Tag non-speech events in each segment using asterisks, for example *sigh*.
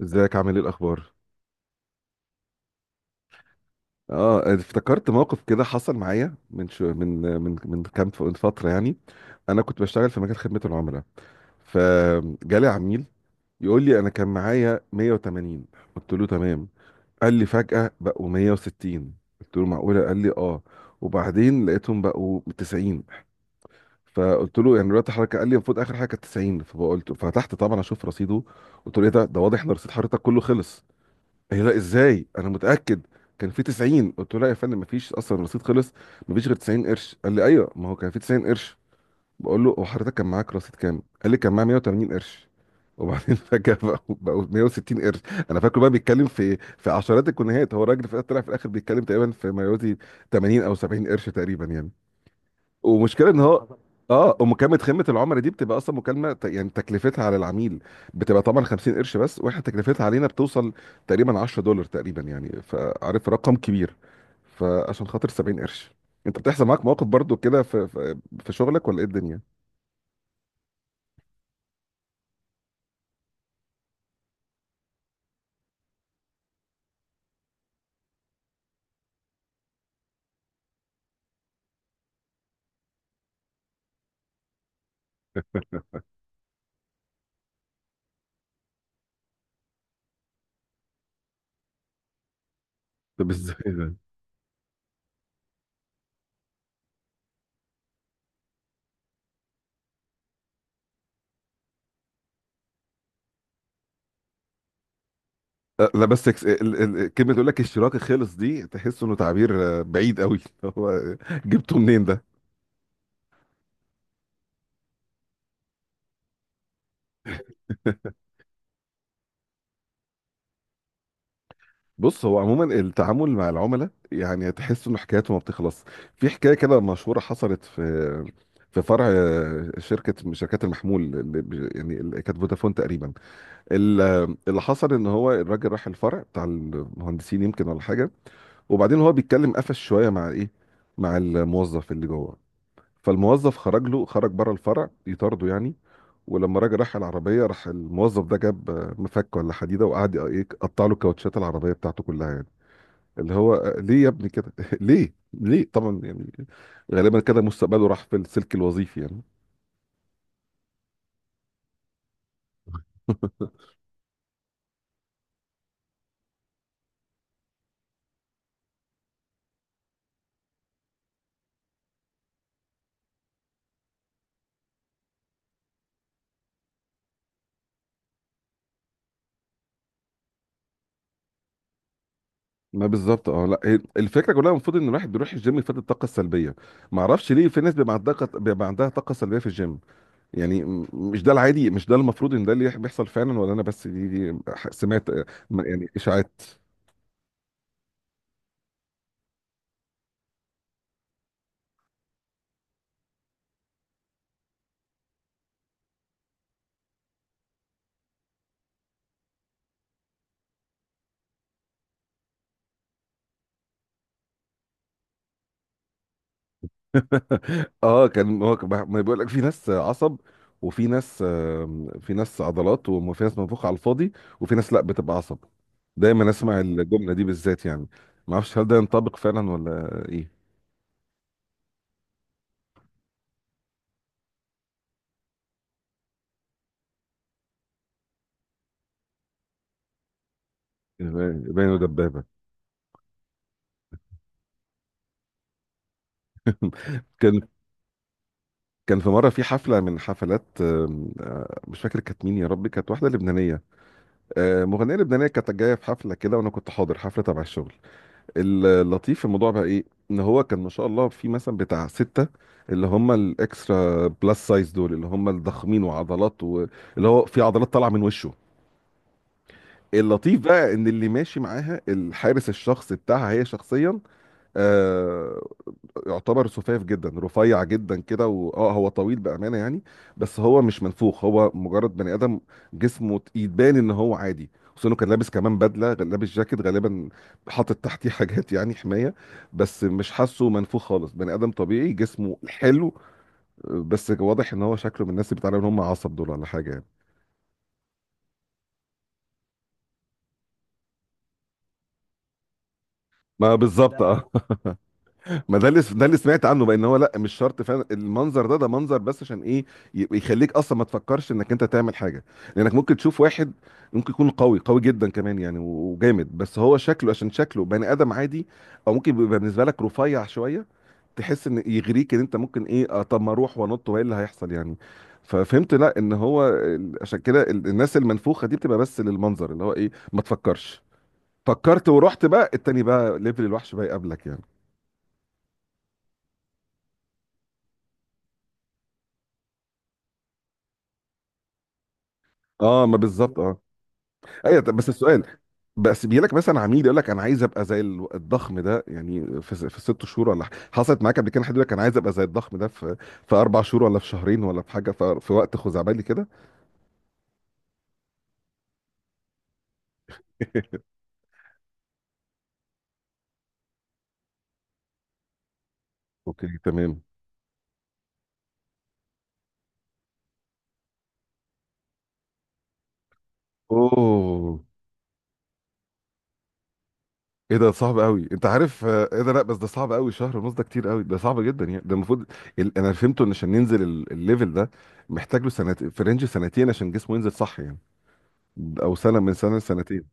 ازيك؟ عامل ايه؟ الاخبار؟ اه، افتكرت موقف كده حصل معايا من شو من من من كام ف- من فتره يعني. انا كنت بشتغل في مجال خدمه العملاء، فجالي عميل يقول لي انا كان معايا 180، قلت له تمام. قال لي فجاه بقوا 160، قلت له معقوله؟ قال لي اه. وبعدين لقيتهم بقوا 90. فقلت له يعني دلوقتي حضرتك؟ قال لي المفروض اخر حاجه كانت 90. فقلت، فتحت طبعا اشوف رصيده، قلت له ايه ده واضح ان رصيد حضرتك كله خلص. هي لا، ازاي؟ انا متاكد كان في 90. قلت له لا يا فندم، مفيش اصلا، الرصيد خلص، مفيش غير 90 قرش. قال لي ايوه، ما هو كان في 90 قرش. بقول له هو حضرتك كان معاك رصيد كام؟ قال لي كان معايا 180 قرش، وبعدين *laughs* فجاه بقوا 160 قرش. انا فاكره بقى بيتكلم في عشرات الجنيهات، هو الراجل طلع في الاخر بيتكلم تقريبا في ما يوازي 80 او 70 قرش تقريبا يعني. ومشكلة ان هو، اه ومكالمة خدمة العملاء دي بتبقى اصلا مكالمة، يعني تكلفتها على العميل بتبقى طبعا 50 قرش بس، واحنا تكلفتها علينا بتوصل تقريبا 10 دولار تقريبا يعني، فعارف، رقم كبير، فعشان خاطر 70 قرش. انت بتحصل معاك مواقف برضو كده في شغلك ولا ايه الدنيا؟ طب ازاي ده؟ آه، لا بس كلمة تقول لك اشتراكي خلص دي تحس انه تعبير بعيد قوي *laughs* هو جبته منين ده؟ بص، هو عموما التعامل مع العملاء يعني تحس انه حكايته ما بتخلص. في حكايه كده مشهوره حصلت في في فرع، شركه من شركات المحمول اللي يعني اللي كانت فودافون تقريبا. ال- اللي حصل ان هو الراجل راح الفرع بتاع المهندسين يمكن ولا حاجه، وبعدين هو بيتكلم، قفش شويه مع ايه، مع الموظف اللي جوه، فالموظف خرج له، خرج بره الفرع يطارده يعني، ولما راجل راح العربيه راح الموظف ده جاب مفك ولا حديده وقعد ايه، قطع له كاوتشات العربيه بتاعته كلها يعني. اللي هو ليه يا ابني كده؟ *laughs* ليه ليه طبعا يعني. غالبا كده مستقبله راح في السلك الوظيفي يعني. *laughs* ما بالظبط، اه. لا، هي الفكره كلها المفروض ان الواحد بيروح الجيم يفقد الطاقه السلبيه، ما اعرفش ليه في ناس بيبقى عندها طاقه سلبيه في الجيم. يعني مش ده العادي؟ مش ده المفروض ان ده اللي بيحصل فعلا؟ ولا انا بس دي سمعت يعني اشاعات؟ *laughs* اه، كان هو كان بح- ما بيقول لك في ناس عصب، وفي ناس آم، في ناس عضلات، وفي ناس منفوخه على الفاضي، وفي ناس لا بتبقى عصب. دايما اسمع الجمله دي بالذات يعني. ما اعرفش هل ده ينطبق فعلا ولا ايه. باينه دبابه. *laughs* كان كان في مره في حفله، من حفلات آم، آه، مش فاكر كانت مين، يا ربي، كانت واحده لبنانيه، مغنيه لبنانيه، كانت جايه في حفله كده وانا كنت حاضر حفله تبع الشغل. اللطيف في الموضوع بقى ايه، ان هو كان ما شاء الله في مثلا بتاع ستة اللي هم الاكسترا بلس سايز دول، اللي هم الضخمين وعضلات اللي هو في عضلات طالعه من وشه. اللطيف بقى ان اللي ماشي معاها الحارس الشخصي بتاعها هي شخصيا، آه يعتبر سفاف جدا، رفيع جدا كده، هو طويل بامانه يعني، بس هو مش منفوخ، هو مجرد بني ادم جسمه تقيل، باين ان هو عادي، خصوصا انه كان لابس كمان بدله، كان لابس جاكيت غالبا حاطط تحتيه *laughs* حاجات يعني حمايه، بس مش حاسه منفوخ خالص، بني ادم طبيعي جسمه حلو، بس واضح ان هو شكله من الناس اللي بيتعاملوا ان هم عصب دول ولا حاجه يعني. ما بالظبط، اه. ما ده اللي سمعت عنه بقى، ان هو لا، مش شرط فعلا المنظر، ده منظر بس، عشان ايه؟ يخليك اصلا ما تفكرش انك انت تعمل حاجه، لانك ممكن تشوف واحد ممكن يكون قوي قوي جدا كمان يعني وجامد، بس هو شكله، عشان شكله بني ادم عادي، او ممكن يبقى بالنسبه لك رفيع شويه، تحس ان يغريك ان انت ممكن ايه، طب ما اروح وانط وايه اللي هيحصل يعني؟ ففهمت لا، ان هو عشان كده الناس المنفوخه دي بتبقى بس للمنظر، اللي هو ايه، ما تفكرش. فكرت ورحت بقى التاني، بقى ليفل الوحش بقى يقابلك يعني. اه، ما بالظبط، اه. ايوه، طب بس السؤال، بس بيجي لك مثلا عميل يقول لك انا عايز ابقى زي الضخم ده يعني في ست شهور، ولا حصلت معاك قبل كده حد يقول لك انا عايز ابقى زي الضخم ده في اربع شهور، ولا في شهرين، ولا في حاجه في وقت خزعبلي كده؟ *laughs* اوكي تمام. اوه، ايه ده صعب قوي، انت عارف، ايه ده، لا بس ده صعب قوي، شهر ونص ده كتير قوي، ده صعب جدا يعني، ده المفروض انا فهمته ان عشان ننزل الليفل ده محتاج له سنتين، في رينج سنتين عشان جسمه ينزل صح يعني، او سنه، من سنه لسنتين.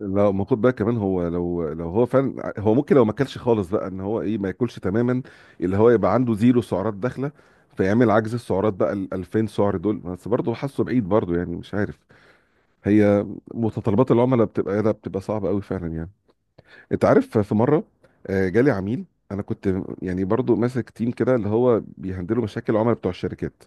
لا، ما خد بالك كمان، هو لو هو فعلا، هو ممكن لو ما اكلش خالص بقى، ان هو ايه، ما ياكلش تماما، اللي هو يبقى عنده زيرو سعرات داخله، فيعمل عجز السعرات بقى، ال 2000 سعر دول، بس برضه حاسه بعيد برضه يعني، مش عارف. هي متطلبات العملاء بتبقى لا، بتبقى صعبه قوي فعلا يعني. انت عارف، في مره جالي عميل. انا كنت يعني برضه ماسك تيم كده اللي هو بيهندلوا مشاكل العملاء بتوع الشركات.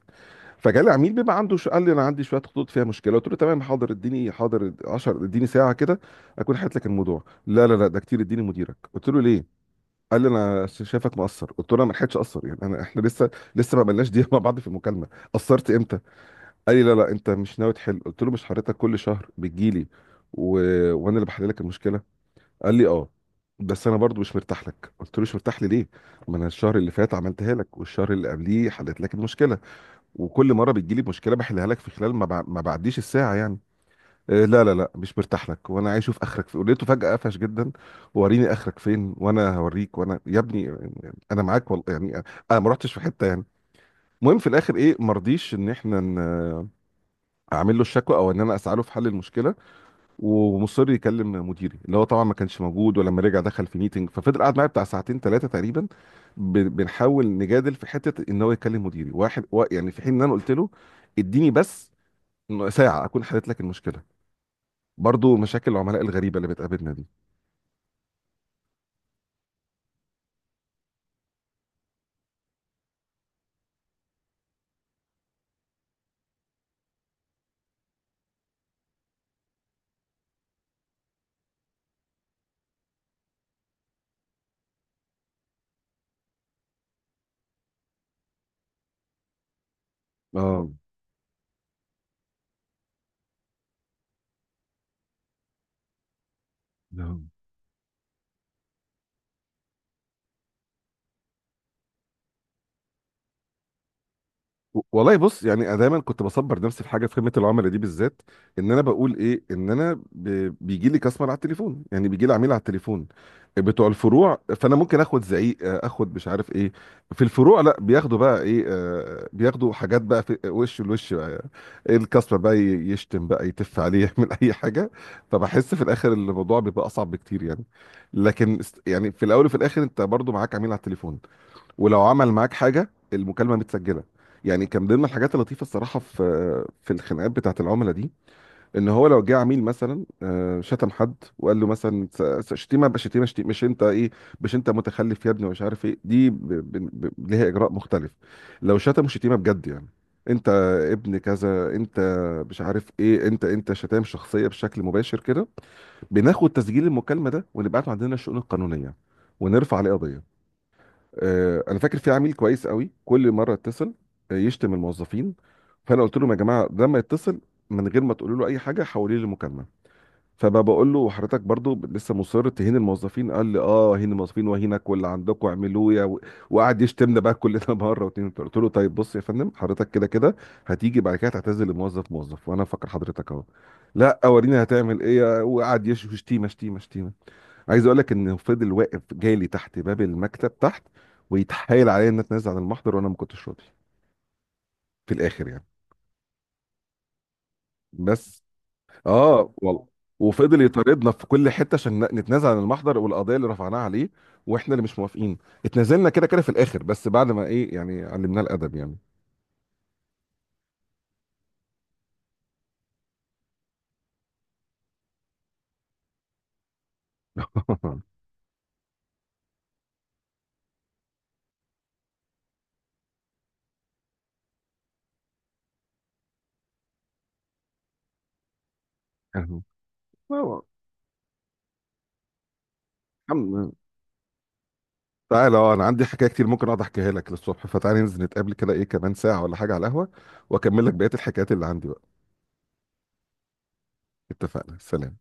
فجالي عميل بيبقى عنده شو، قال لي انا عندي شويه خطوط فيها مشكله. قلت له تمام، حاضر، اديني، حاضر 10، اديني ساعه كده اكون حلت لك الموضوع. لا لا لا، ده كتير، اديني مديرك. قلت له ليه؟ قال لي انا شايفك مقصر. قلت له انا ما لحقتش اقصر يعني، احنا لسه ما عملناش دقيقه مع بعض في المكالمه، قصرت امتى؟ قال لي لا لا، انت مش ناوي تحل. قلت له مش حضرتك كل شهر بتجيلي و... وانا اللي بحل لك المشكله؟ قال لي اه، بس انا برضو مش مرتاح لك. قلت له مش مرتاح لي ليه؟ ما انا الشهر اللي فات عملتها لك، والشهر اللي قبليه حلت لك المشكله، وكل مره بتجيلي مشكله بحلها لك في خلال ما بعديش الساعه يعني. إيه، لا لا لا، مش مرتاح لك، وانا عايز اشوف اخرك فين. ولقيته فجاه قفش جدا، وريني اخرك فين وانا هوريك، وانا يا ابني، انا معاك والله يعني، انا ما رحتش في حته يعني. المهم في الاخر ايه، ما رضيش ان احنا اعمل له الشكوى، او ان انا اسعى له في حل المشكله، ومصر يكلم مديري، اللي هو طبعا ما كانش موجود، ولما رجع دخل في ميتنج، ففضل قاعد معايا بتاع ساعتين ثلاثه تقريبا، بنحاول نجادل في حته ان هو يكلم مديري واحد يعني، في حين ان انا قلت له اديني بس ساعة أكون حلت لك المشكلة. برضو مشاكل العملاء الغريبة اللي بتقابلنا دي. اه. آه. والله بص، يعني انا دايما كنت بصبر نفسي في حاجه في خدمه العملاء دي بالذات، ان انا بقول ايه، ان انا بيجي لي كاستمر على التليفون، يعني بيجي لي عميل على التليفون. بتوع الفروع، فانا ممكن اخد زعيق، اخد مش عارف ايه. في الفروع لا، بياخدوا بقى ايه، بياخدوا حاجات بقى في وش الوش بقى. إيه الكاستمر بقى يشتم بقى، يتف عليه، *laughs* يعمل اي حاجه. فبحس في الاخر الموضوع بيبقى اصعب بكتير يعني. لكن يعني في الاول وفي الاخر انت برضو معاك عميل على التليفون، ولو عمل معاك حاجه المكالمه متسجله. يعني كان من ضمن الحاجات اللطيفه الصراحه في الخناقات بتاعت العملاء دي، ان هو لو جه عميل مثلا، شتم حد وقال له مثلا شتيمه، بشتيمه، شتيمه مش انت ايه، مش انت متخلف يا ابني، ومش عارف ايه، دي ليها اجراء مختلف. لو شتم شتيمه بجد يعني، انت ابن كذا، انت مش عارف ايه، انت شتام شخصيه بشكل مباشر كده، بناخد تسجيل المكالمه ده ونبعته عندنا الشؤون القانونيه، ونرفع عليه قضيه. انا فاكر في عميل كويس قوي، كل مره اتصل يشتم الموظفين. فانا قلت لهم يا جماعه، لما يتصل من غير ما تقولوا له اي حاجه حوليه لمكالمه. فبقى بقول له حضرتك برضو لسه مصر تهين الموظفين؟ قال لي اه، هين الموظفين وهينك، واللي عندكم اعملوه وقعد يشتمنا بقى كلنا *laughs* مره، واتنين، وتلاته. قلت له طيب بص يا فندم، حضرتك كده كده هتيجي بعد كده تعتذر لموظف موظف، وانا فاكر حضرتك اهو. لا، وريني هتعمل ايه، وقعد يشتيمه شتيمه شتيمه. عايز اقول لك انه فضل واقف جالي تحت باب المكتب تحت، ويتحايل عليا ان اتنازل عن المحضر، وانا ما كنتش راضي في الاخر يعني، بس. اه والله. وفضل يطاردنا في كل حته عشان نتنازل عن المحضر والقضيه اللي رفعناها عليه، واحنا اللي مش موافقين. اتنازلنا كده كده في الاخر، بس بعد ما ايه يعني، علمناه الادب يعني. *laughs* آه، الحمد تعالى، اه، انا عندي حكايه كتير ممكن اقعد احكيها لك للصبح، فتعالى ننزل نتقابل كده ايه، كمان ساعه ولا حاجه على القهوه، واكمل لك بقيه الحكايات اللي عندي بقى. اتفقنا، سلام.